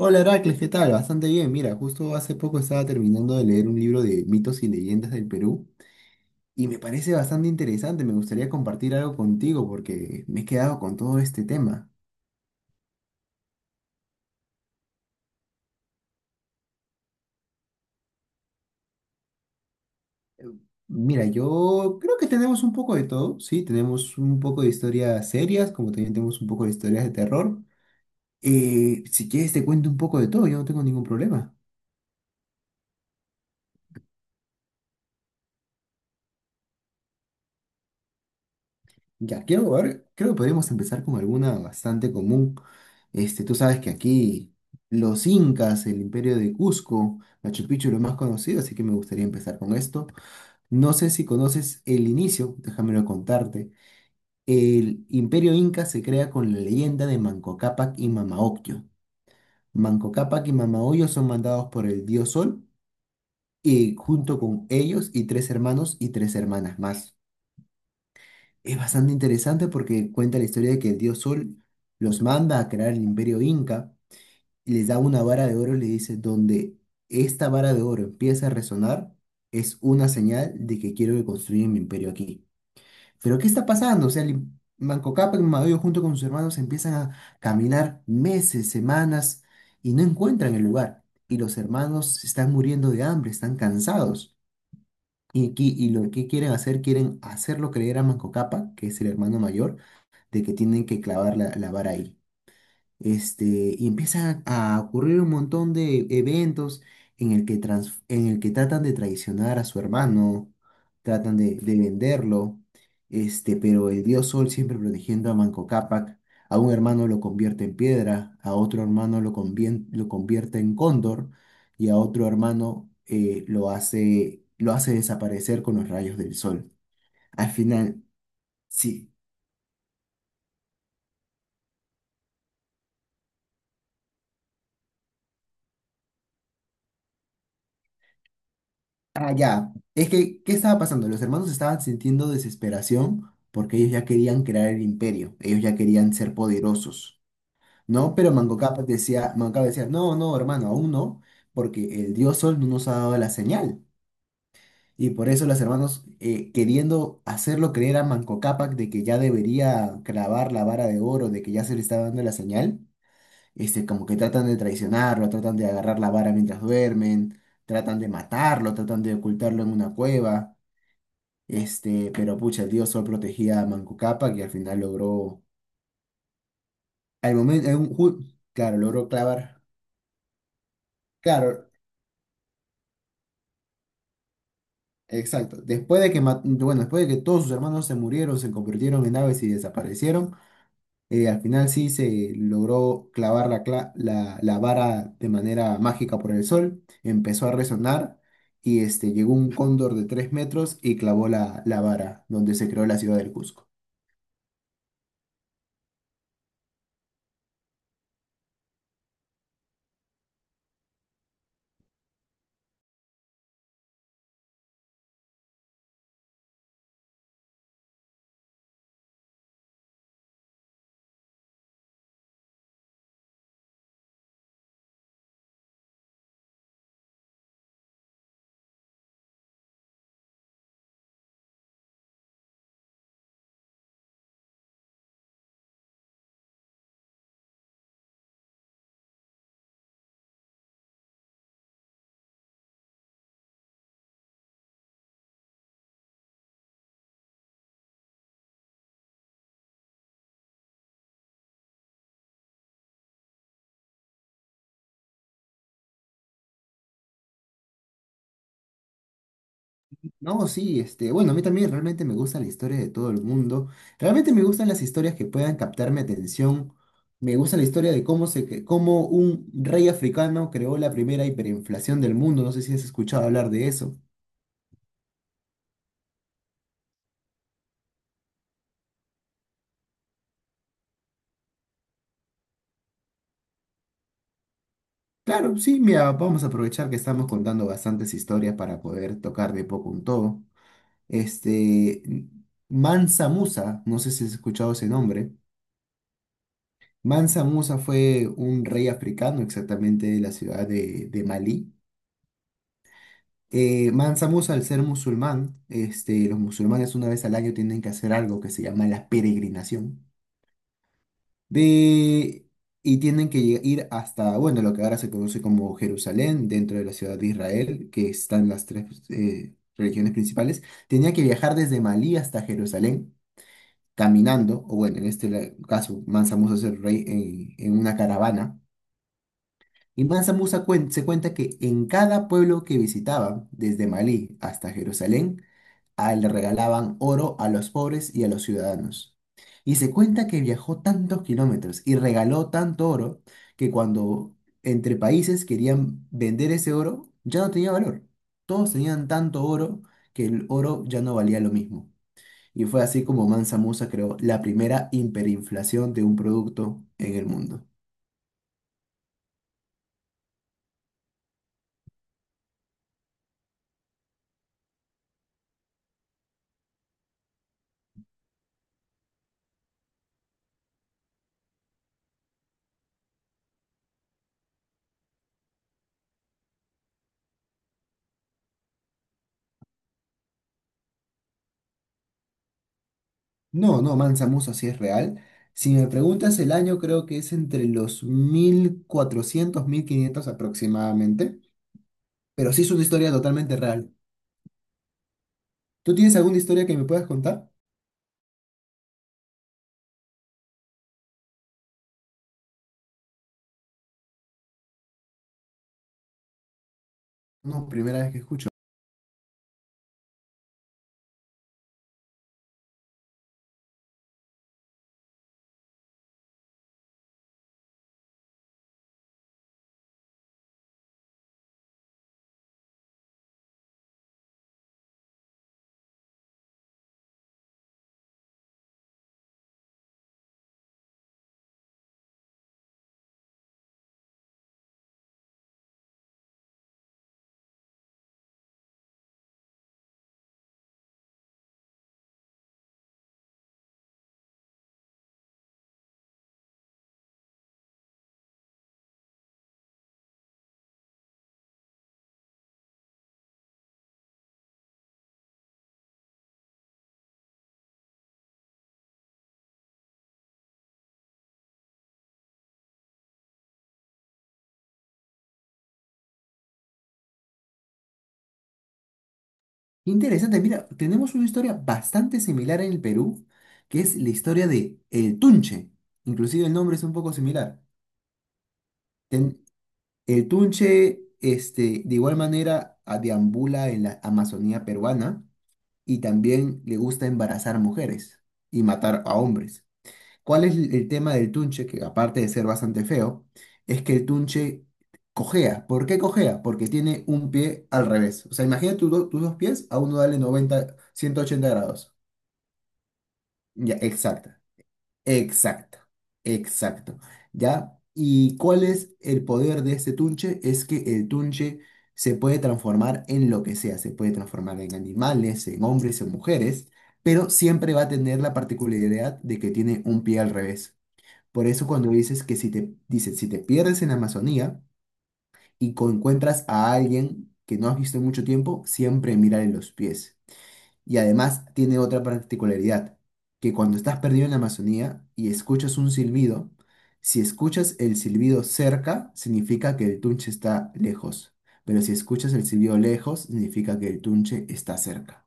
Hola Heracles, ¿qué tal? Bastante bien. Mira, justo hace poco estaba terminando de leer un libro de mitos y leyendas del Perú y me parece bastante interesante. Me gustaría compartir algo contigo porque me he quedado con todo este tema. Mira, yo creo que tenemos un poco de todo, ¿sí? Tenemos un poco de historias serias, como también tenemos un poco de historias de terror. Si quieres te cuento un poco de todo, yo no tengo ningún problema. Ya, quiero ver, creo que podríamos empezar con alguna bastante común. Este, tú sabes que aquí los incas, el imperio de Cusco, Machu Picchu, lo más conocido, así que me gustaría empezar con esto. No sé si conoces el inicio, déjamelo contarte. El imperio inca se crea con la leyenda de Manco Cápac y Mamaocllo. Manco Cápac y Mamaocllo son mandados por el dios Sol y junto con ellos y tres hermanos y tres hermanas más. Es bastante interesante porque cuenta la historia de que el dios Sol los manda a crear el imperio inca y les da una vara de oro y le dice, donde esta vara de oro empieza a resonar, es una señal de que quiero que construyan mi imperio aquí. Pero ¿qué está pasando? O sea, Manco Cápac Mayo junto con sus hermanos empiezan a caminar meses, semanas y no encuentran el lugar. Y los hermanos se están muriendo de hambre, están cansados. Y lo que quieren hacer, quieren hacerlo creer a Manco Cápac, que es el hermano mayor, de que tienen que clavar la vara ahí. Este, y empiezan a ocurrir un montón de eventos en el que tratan de traicionar a su hermano, tratan de venderlo, este, pero el dios Sol siempre protegiendo a Manco Cápac, a un hermano lo convierte en piedra, a otro hermano lo convierte en cóndor y a otro hermano lo hace desaparecer con los rayos del sol. Al final, sí. Ah, ya. Es que, ¿qué estaba pasando? Los hermanos estaban sintiendo desesperación porque ellos ya querían crear el imperio, ellos ya querían ser poderosos, ¿no? Pero Manco Cápac decía, no, no, hermano, aún no, porque el dios Sol no nos ha dado la señal. Y por eso los hermanos, queriendo hacerlo creer a Manco Cápac de que ya debería clavar la vara de oro, de que ya se le estaba dando la señal, este, como que tratan de traicionarlo, tratan de agarrar la vara mientras duermen, tratan de matarlo, tratan de ocultarlo en una cueva. Este, pero pucha, el dios Sol protegía a Manco Cápac y al final logró. Al momento, claro, logró clavar. Claro, exacto. Después de que, ma- bueno, después de que todos sus hermanos se murieron, se convirtieron en aves y desaparecieron, al final sí se logró clavar la vara de manera mágica por el sol. Empezó a resonar y este, llegó un cóndor de 3 metros y clavó la vara, donde se creó la ciudad del Cusco. No, sí, este, bueno, a mí también realmente me gusta la historia de todo el mundo. Realmente me gustan las historias que puedan captar mi atención. Me gusta la historia de cómo un rey africano creó la primera hiperinflación del mundo. No sé si has escuchado hablar de eso. Claro, sí, mira, vamos a aprovechar que estamos contando bastantes historias para poder tocar de poco un todo. Este, Mansa Musa, no sé si has escuchado ese nombre. Mansa Musa fue un rey africano exactamente de la ciudad de Malí. Mansa Musa, al ser musulmán, este, los musulmanes una vez al año tienen que hacer algo que se llama la peregrinación. De, y tienen que ir hasta, bueno, lo que ahora se conoce como Jerusalén, dentro de la ciudad de Israel, que están las tres religiones principales. Tenía que viajar desde Malí hasta Jerusalén caminando, o bueno, en este caso, Mansa Musa es el rey en una caravana. Y Mansa Musa se cuenta que en cada pueblo que visitaba, desde Malí hasta Jerusalén, le regalaban oro a los pobres y a los ciudadanos. Y se cuenta que viajó tantos kilómetros y regaló tanto oro que cuando entre países querían vender ese oro, ya no tenía valor. Todos tenían tanto oro que el oro ya no valía lo mismo. Y fue así como Mansa Musa creó la primera hiperinflación de un producto en el mundo. No, no, Mansa Musa sí es real. Si me preguntas el año, creo que es entre los 1400 1500 aproximadamente. Pero sí es una historia totalmente real. ¿Tú tienes alguna historia que me puedas contar? No, primera vez que escucho. Interesante, mira, tenemos una historia bastante similar en el Perú, que es la historia de El Tunche. Inclusive el nombre es un poco similar. Ten- el Tunche, este, de igual manera, deambula en la Amazonía peruana y también le gusta embarazar mujeres y matar a hombres. ¿Cuál es el tema del tunche? Que aparte de ser bastante feo, es que el tunche cojea. ¿Por qué cojea? Porque tiene un pie al revés. O sea, imagina tus dos pies, a uno dale 90, 180 grados. Ya, exacto, exacto, exacto. ¿Ya? ¿Y cuál es el poder de este tunche? Es que el tunche se puede transformar en lo que sea. Se puede transformar en animales, en hombres, en mujeres, pero siempre va a tener la particularidad de que tiene un pie al revés. Por eso cuando dices que si te, dices, si te pierdes en la Amazonía y encuentras a alguien que no has visto en mucho tiempo, siempre mírale los pies. Y además tiene otra particularidad, que cuando estás perdido en la Amazonía y escuchas un silbido, si escuchas el silbido cerca, significa que el tunche está lejos. Pero si escuchas el silbido lejos, significa que el tunche está cerca.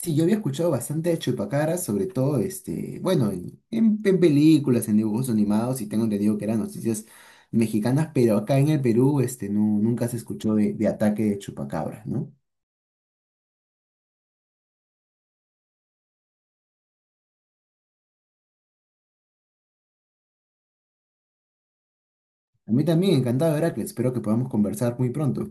Sí, yo había escuchado bastante de Chupacabras, sobre todo, este, bueno, en películas, en dibujos animados, y tengo entendido que eran noticias mexicanas, pero acá en el Perú, este, no, nunca se escuchó de ataque de Chupacabras, ¿no? A mí también, encantado, Heracles, espero que podamos conversar muy pronto.